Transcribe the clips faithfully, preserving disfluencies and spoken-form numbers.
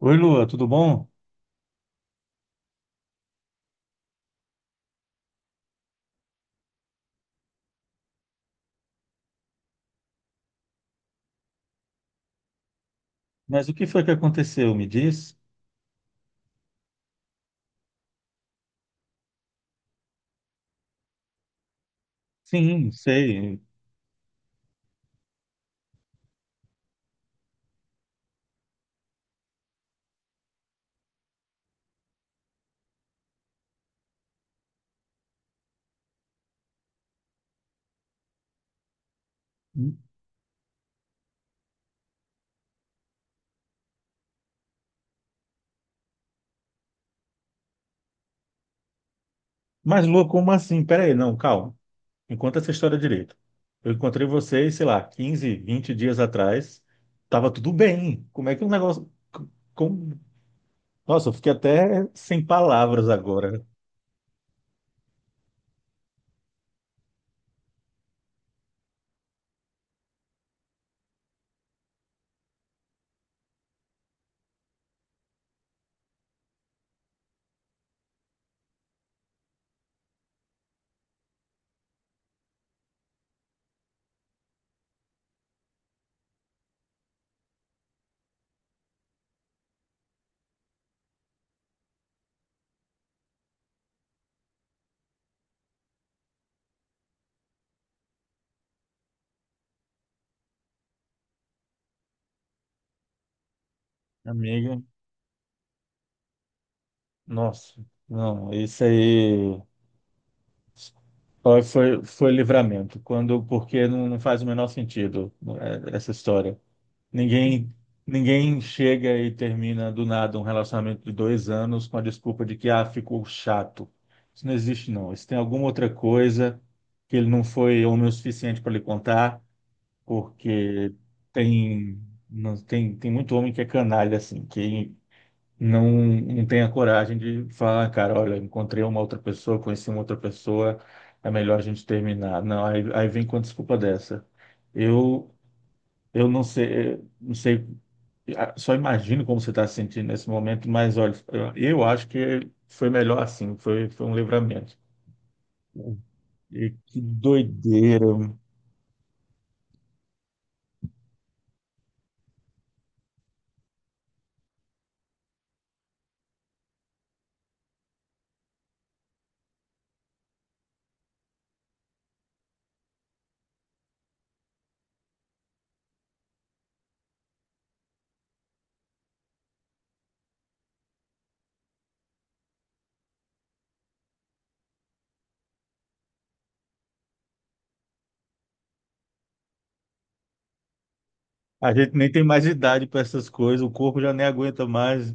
Oi, Lua, tudo bom? Mas o que foi que aconteceu? Me diz? Sim, sei. Mas, Lua, como assim? Pera aí, não, calma. Me conta essa história direito. Eu encontrei vocês, sei lá, quinze, vinte dias atrás. Tava tudo bem. Como é que o negócio. Como... Nossa, eu fiquei até sem palavras agora. Amiga, nossa, não, isso aí foi, foi, foi livramento. Quando, porque não, não faz o menor sentido é, essa história. Ninguém, ninguém chega e termina do nada um relacionamento de dois anos com a desculpa de que ah, ficou chato. Isso não existe, não. Isso tem alguma outra coisa que ele não foi homem o suficiente para lhe contar, porque tem, não, tem, tem muito homem que é canalha, assim, que não, não tem a coragem de falar, "Ah, cara, olha, encontrei uma outra pessoa, conheci uma outra pessoa, é melhor a gente terminar. Não, aí, aí vem com a desculpa dessa. Eu, eu não sei, não sei ah, só imagino como você está se sentindo nesse momento, mas olha, eu eu acho que foi melhor assim, foi, foi um livramento. E que doideira. A gente nem tem mais idade para essas coisas, o corpo já nem aguenta mais.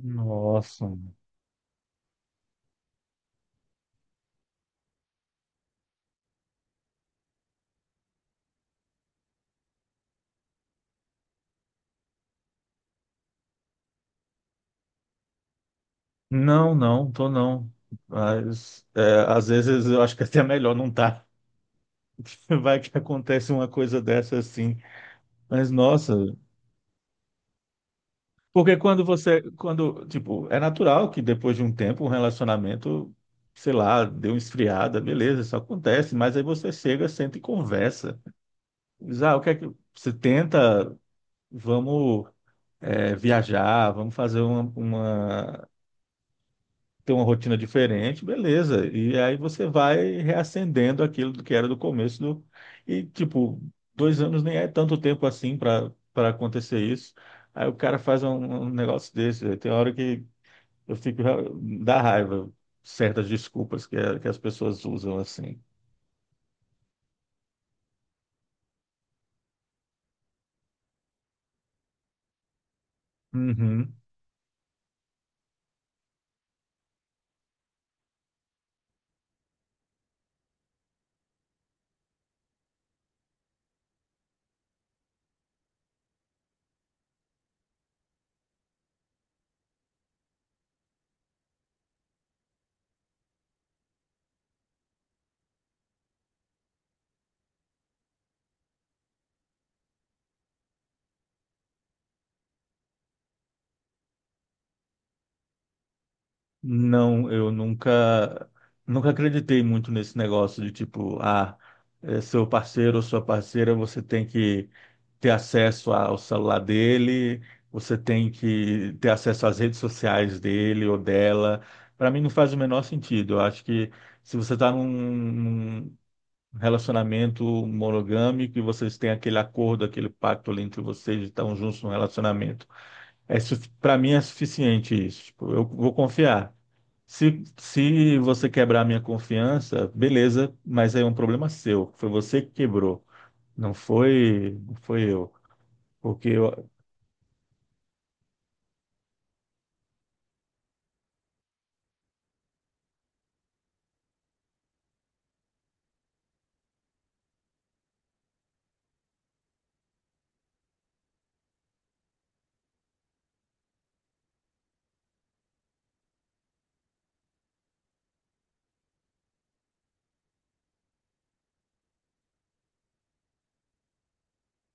Nossa. Não, não, tô não. Mas é, às vezes eu acho que até é melhor não tá. Vai que acontece uma coisa dessa assim. Mas nossa, porque quando você, quando, tipo, é natural que depois de um tempo um relacionamento, sei lá, deu uma esfriada, beleza, isso acontece, mas aí você chega, senta e conversa. Diz, ah, o que é que você tenta, vamos é, viajar, vamos fazer uma, uma- ter uma rotina diferente, beleza. E aí você vai reacendendo aquilo que era do começo do, e tipo, dois anos nem é tanto tempo assim para para acontecer isso. Aí o cara faz um, um negócio desse, velho. Tem hora que eu fico, dá raiva certas desculpas que, que as pessoas usam assim. Uhum. Não, eu nunca, nunca acreditei muito nesse negócio de tipo, ah, é seu parceiro ou sua parceira, você tem que ter acesso ao celular dele, você tem que ter acesso às redes sociais dele ou dela. Para mim não faz o menor sentido. Eu acho que se você está num, um relacionamento monogâmico e vocês têm aquele acordo, aquele pacto ali entre vocês e estão juntos no relacionamento. É, para mim é suficiente isso. Tipo, eu vou confiar. Se, se você quebrar a minha confiança, beleza, mas aí é um problema seu. Foi você que quebrou. Não foi, não foi eu. Porque eu,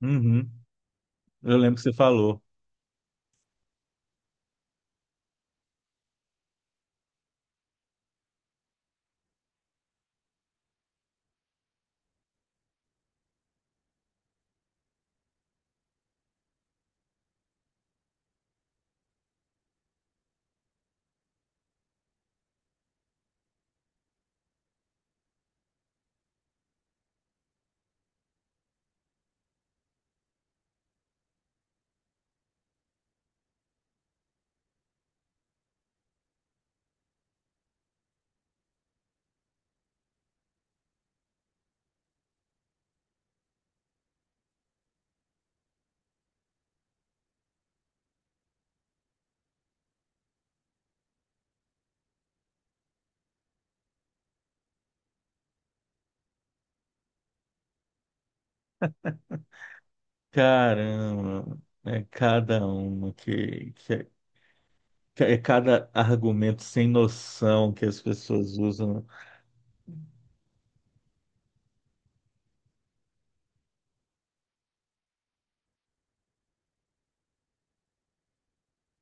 uhum, eu lembro que você falou. Caramba, é cada uma que, que é, que é é cada argumento sem noção que as pessoas usam. Né?"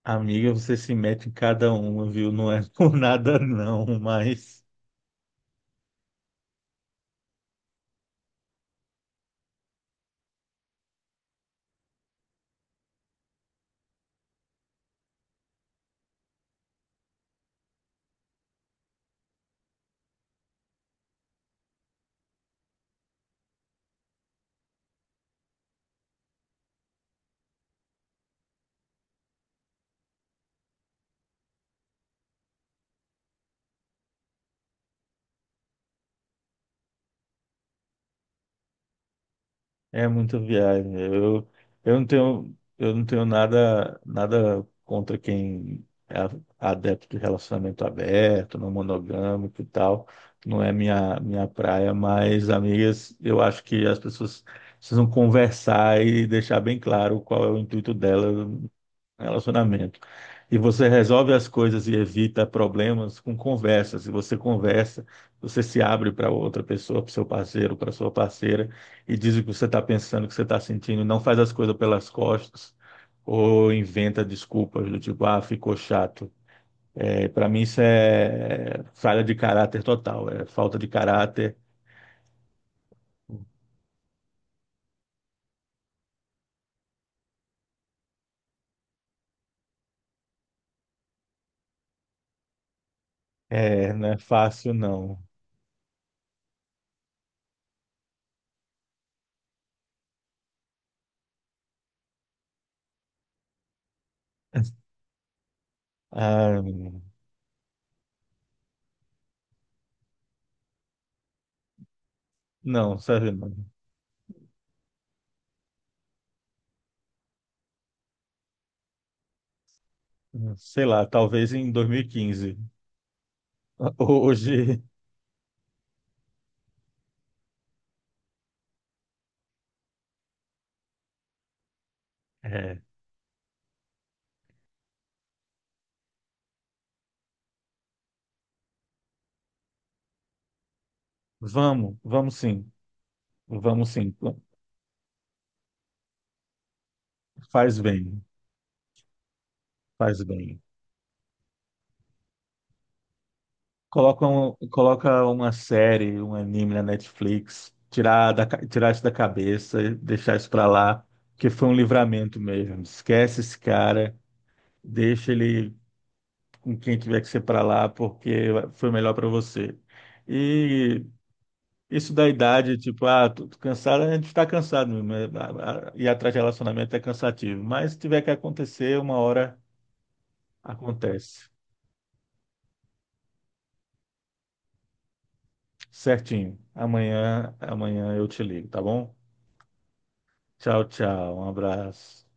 Amiga, você se mete em cada uma, viu? Não é por nada não, mas é muita viagem. Eu, eu não tenho, eu não tenho nada, nada contra quem é a- adepto de relacionamento aberto, não monogâmico e tal. Não é minha, minha praia, mas, amigas, eu acho que as pessoas precisam conversar e deixar bem claro qual é o intuito dela. Relacionamento. E você resolve as coisas e evita problemas com conversas. E você conversa, você se abre para outra pessoa, para seu parceiro, para sua parceira, e diz o que você está pensando, o que você está sentindo. Não faz as coisas pelas costas ou inventa desculpas do tipo, ah, ficou chato. É, para mim isso é falha de caráter total, é falta de caráter. É, não é fácil, não. Ah, não, sabe, não. Sei lá, talvez em dois mil e quinze. Hoje, é, vamos, vamos sim, vamos sim. Faz bem, faz bem. Coloca, um- coloca uma série, um anime na Netflix, tirar, da, ca- tirar isso da cabeça, e deixar isso pra lá, porque foi um livramento mesmo. Esquece esse cara, deixa ele com quem tiver que ser pra lá, porque foi melhor pra você. E isso da idade, tipo, ah, tô, tô cansado, a gente está cansado mesmo. é, a- a- Ir atrás de relacionamento é cansativo. Mas se tiver que acontecer, uma hora acontece. Certinho. Amanhã, amanhã eu te ligo, tá bom? Tchau, tchau. Um abraço.